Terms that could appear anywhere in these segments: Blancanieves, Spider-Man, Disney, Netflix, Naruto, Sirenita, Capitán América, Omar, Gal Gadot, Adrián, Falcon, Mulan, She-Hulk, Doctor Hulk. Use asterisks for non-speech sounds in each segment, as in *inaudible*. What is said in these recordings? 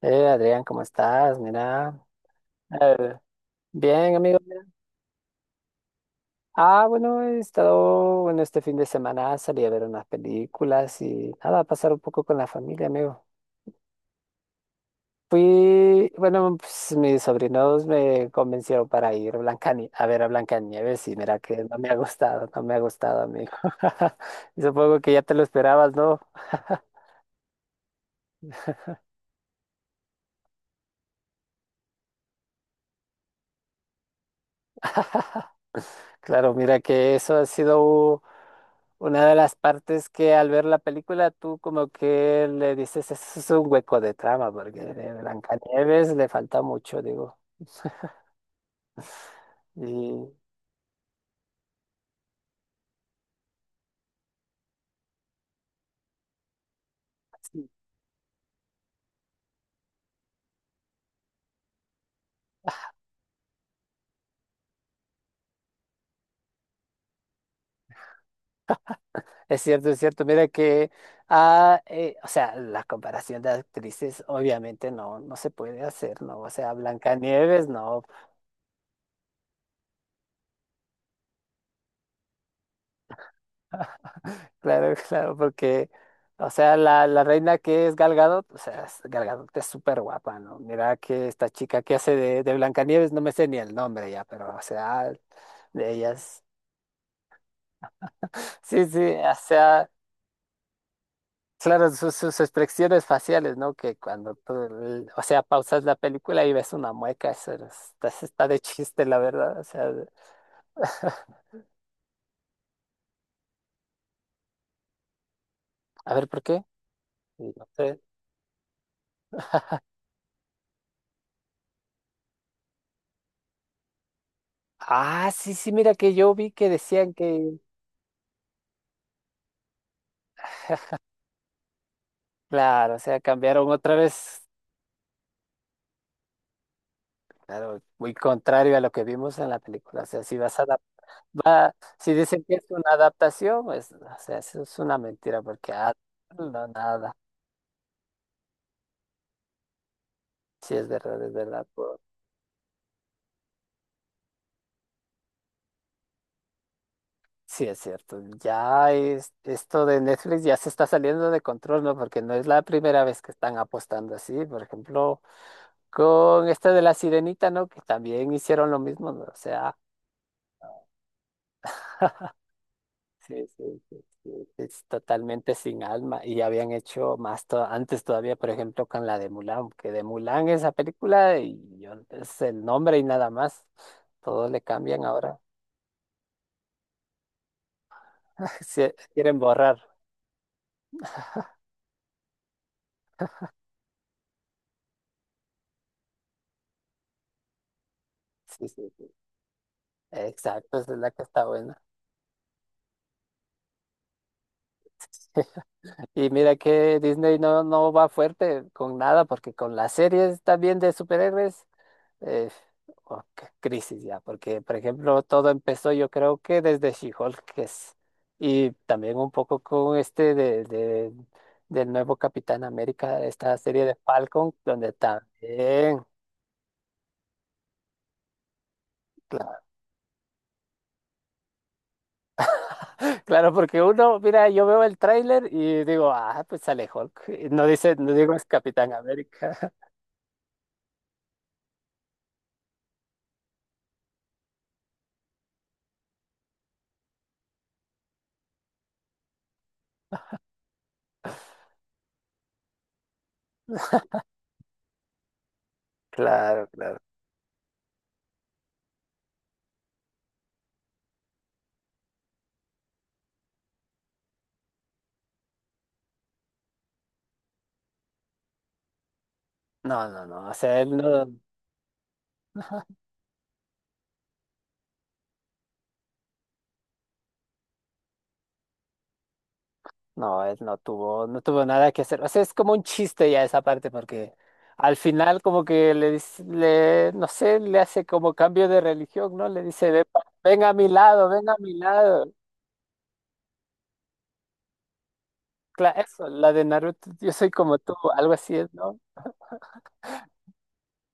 Adrián, ¿cómo estás? Mira, eh, bien, amigo. Ah, bueno, he estado, bueno, este fin de semana salí a ver unas películas y nada, a pasar un poco con la familia, amigo. Fui, bueno, pues mis sobrinos me convencieron para ir a a ver a Blancanieves y mira que no me ha gustado, no me ha gustado, amigo. *laughs* Y supongo que ya te lo esperabas, ¿no? Claro, mira que eso ha sido una de las partes que al ver la película tú como que le dices, eso es un hueco de trama, porque de Blancanieves le falta mucho, digo. Y sí, es cierto, es cierto. Mira que, o sea, la comparación de actrices obviamente no, no se puede hacer, ¿no? O sea, Blancanieves no. Claro, *laughs* claro, porque, o sea, la reina que es Gal Gadot, o sea, Gal Gadot es súper guapa, ¿no? Mira que esta chica que hace de Blancanieves, no me sé ni el nombre ya, pero, o sea, de ellas. *laughs* Sí, sí, o sea, claro, sus expresiones faciales, ¿no? Que cuando tú, o sea, pausas la película y ves una mueca, eso está de *laughs* chiste, la verdad, o sea, de- *laughs* a ver, ¿por qué? Sí, no sé. Ah, sí, sí, mira que yo vi que decían que, claro, o sea, cambiaron otra vez. Claro, muy contrario a lo que vimos en la película. O sea, si vas a si dicen que es una adaptación, pues, o sea, eso es una mentira, porque no, nada. Sí, es verdad, es verdad. Po- sí, es cierto. Esto de Netflix ya se está saliendo de control, ¿no? Porque no es la primera vez que están apostando así. Por ejemplo, con esta de la Sirenita, ¿no? Que también hicieron lo mismo, ¿no? O sea. *laughs* Sí, sí, sí, sí, sí, es totalmente sin alma y habían hecho más antes todavía, por ejemplo, con la de Mulan, que de Mulan esa película y es el nombre y nada más, todo le cambian ahora. *laughs* Se- quieren borrar. Sí, sí, sí. Exacto, esa es la que está buena. *laughs* Y mira que Disney no, no va fuerte con nada, porque con las series también de superhéroes, Eh, oh, qué crisis ya, porque por ejemplo todo empezó yo creo que desde She-Hulk, y también un poco con este del nuevo Capitán América, esta serie de Falcon, donde también, claro, *gasps* *laughs* claro, porque uno, mira, yo veo el tráiler y digo, ah, pues sale Hulk, y no dice, no digo es Capitán América. *laughs* Claro, claro. No, no, no, o sea, él no. No, él no tuvo, no tuvo nada que hacer. O sea, es como un chiste ya esa parte, porque al final como que le dice, le, no sé, le hace como cambio de religión, ¿no? Le dice, ven a mi lado, ven a mi lado". Claro, eso, la de Naruto, yo soy como tú, algo así es, ¿no?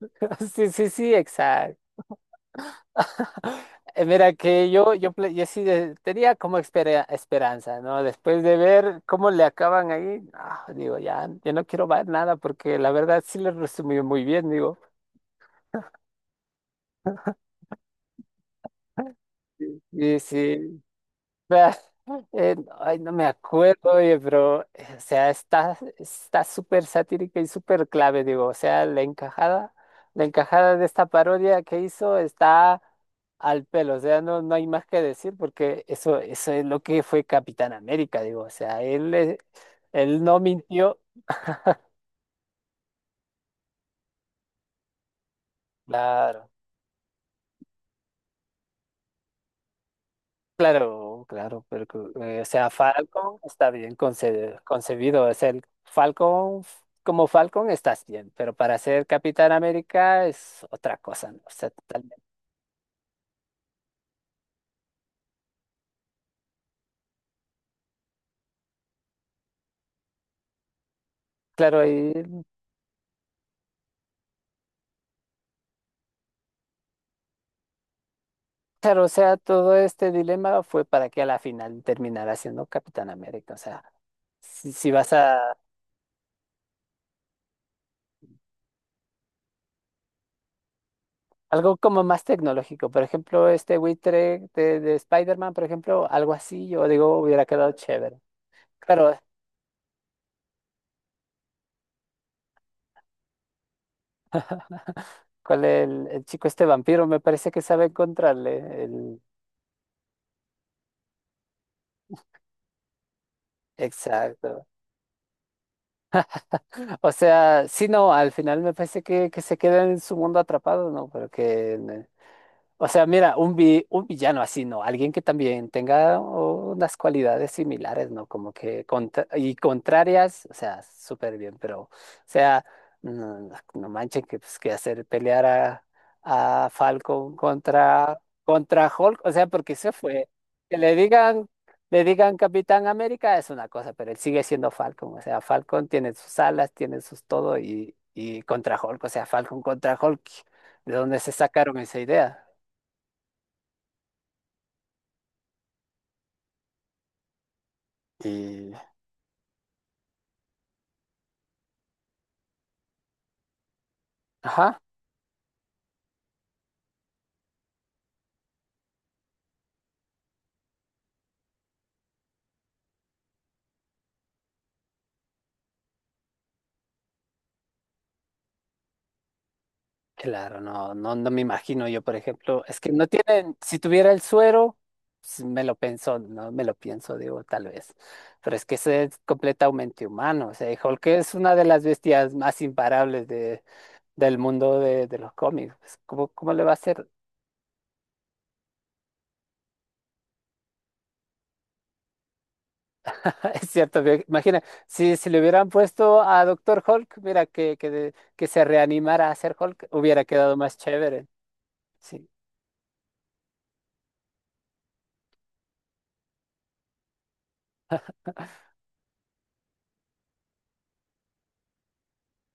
*laughs* Sí, sí, sí, exacto. *laughs* Mira que yo, yo sí tenía como esperanza, ¿no? Después de ver cómo le acaban ahí, ah, digo, ya, yo no quiero ver nada porque la verdad sí le resumió muy bien, digo. Y sí, vea, eh, ay, no me acuerdo, oye, pero, o sea, está, está súper satírica y súper clave, digo, o sea, la encajada de esta parodia que hizo está al pelo, o sea, no, no hay más que decir porque eso es lo que fue Capitán América, digo, o sea, él no mintió, claro. Claro, claro, pero que, o sea, Falcon está bien concebido. Es el Falcon, como Falcon estás bien, pero para ser Capitán América es otra cosa, ¿no? O sea, totalmente. Claro, y claro, o sea, todo este dilema fue para que a la final terminara siendo Capitán América. O sea, si, si vas a algo como más tecnológico, por ejemplo, este buitre de Spider-Man, por ejemplo, algo así, yo digo, hubiera quedado chévere. Claro, ¿cuál es el chico este vampiro? Me parece que sabe encontrarle. El... Exacto. O sea, sí, no, al final me parece que se queda en su mundo atrapado, ¿no? Pero que o sea, mira, un villano así, ¿no? Alguien que también tenga unas cualidades similares, ¿no? Como que contrarias, o sea, súper bien, pero, o sea, no, no manchen que, pues, que hacer pelear a Falcon contra Hulk, o sea, porque se fue. Que le digan Capitán América es una cosa, pero él sigue siendo Falcon, o sea, Falcon tiene sus alas, tiene sus todo y contra Hulk, o sea, Falcon contra Hulk, ¿de dónde se sacaron esa idea? Y, ajá, claro, no, no, no me imagino yo, por ejemplo, es que no tienen, si tuviera el suero, pues, me lo pienso, no me lo pienso, digo, tal vez, pero es que ese es completamente humano, o sea, y Hulk es una de las bestias más imparables del mundo de los cómics, pues, ¿cómo, cómo le va a hacer? *laughs* Es cierto, imagina, si, si le hubieran puesto a Doctor Hulk, mira, que se reanimara a ser Hulk, hubiera quedado más chévere, sí.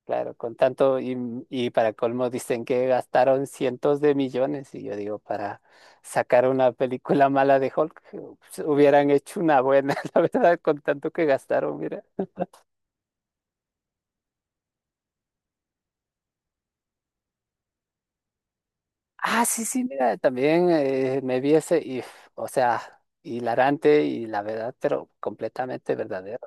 Claro, con tanto y para colmo dicen que gastaron cientos de millones y yo digo, para sacar una película mala de Hulk, pues, hubieran hecho una buena, *laughs* la verdad, con tanto que gastaron, mira. Ah, sí, sí, mira, también me vi ese, y, o sea, hilarante y la verdad, pero completamente verdadero.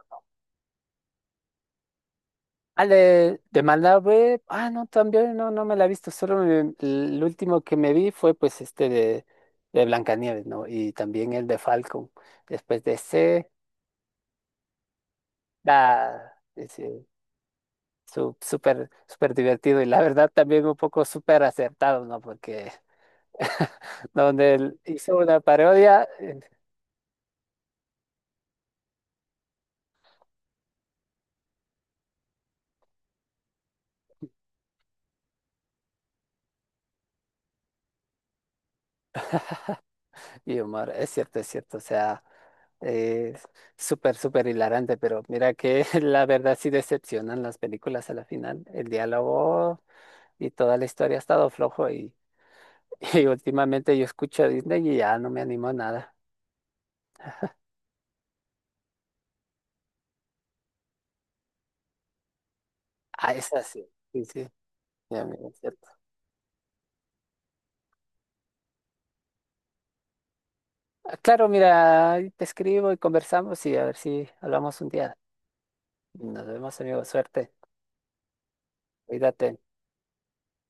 Ah, de Malabé, ah, no, también, no, no me la he visto, solo el último que me vi fue pues este de Blancanieves, ¿no? Y también el de Falcon. Después de ese, da, ese, súper, súper divertido y la verdad también un poco súper acertado, ¿no? Porque *laughs* donde él hizo una parodia, y Omar, es cierto, o sea, eh, súper, súper hilarante, pero mira que *laughs* la verdad sí decepcionan las películas a la final. El diálogo y toda la historia ha estado flojo y, *laughs* y últimamente yo escucho a Disney y ya no me animo a nada. Ah, es así, sí, sí, ya, mira, es cierto. Ah, claro, mira, ahí te escribo y conversamos y a ver si hablamos un día. Nos vemos, amigo, suerte, cuídate.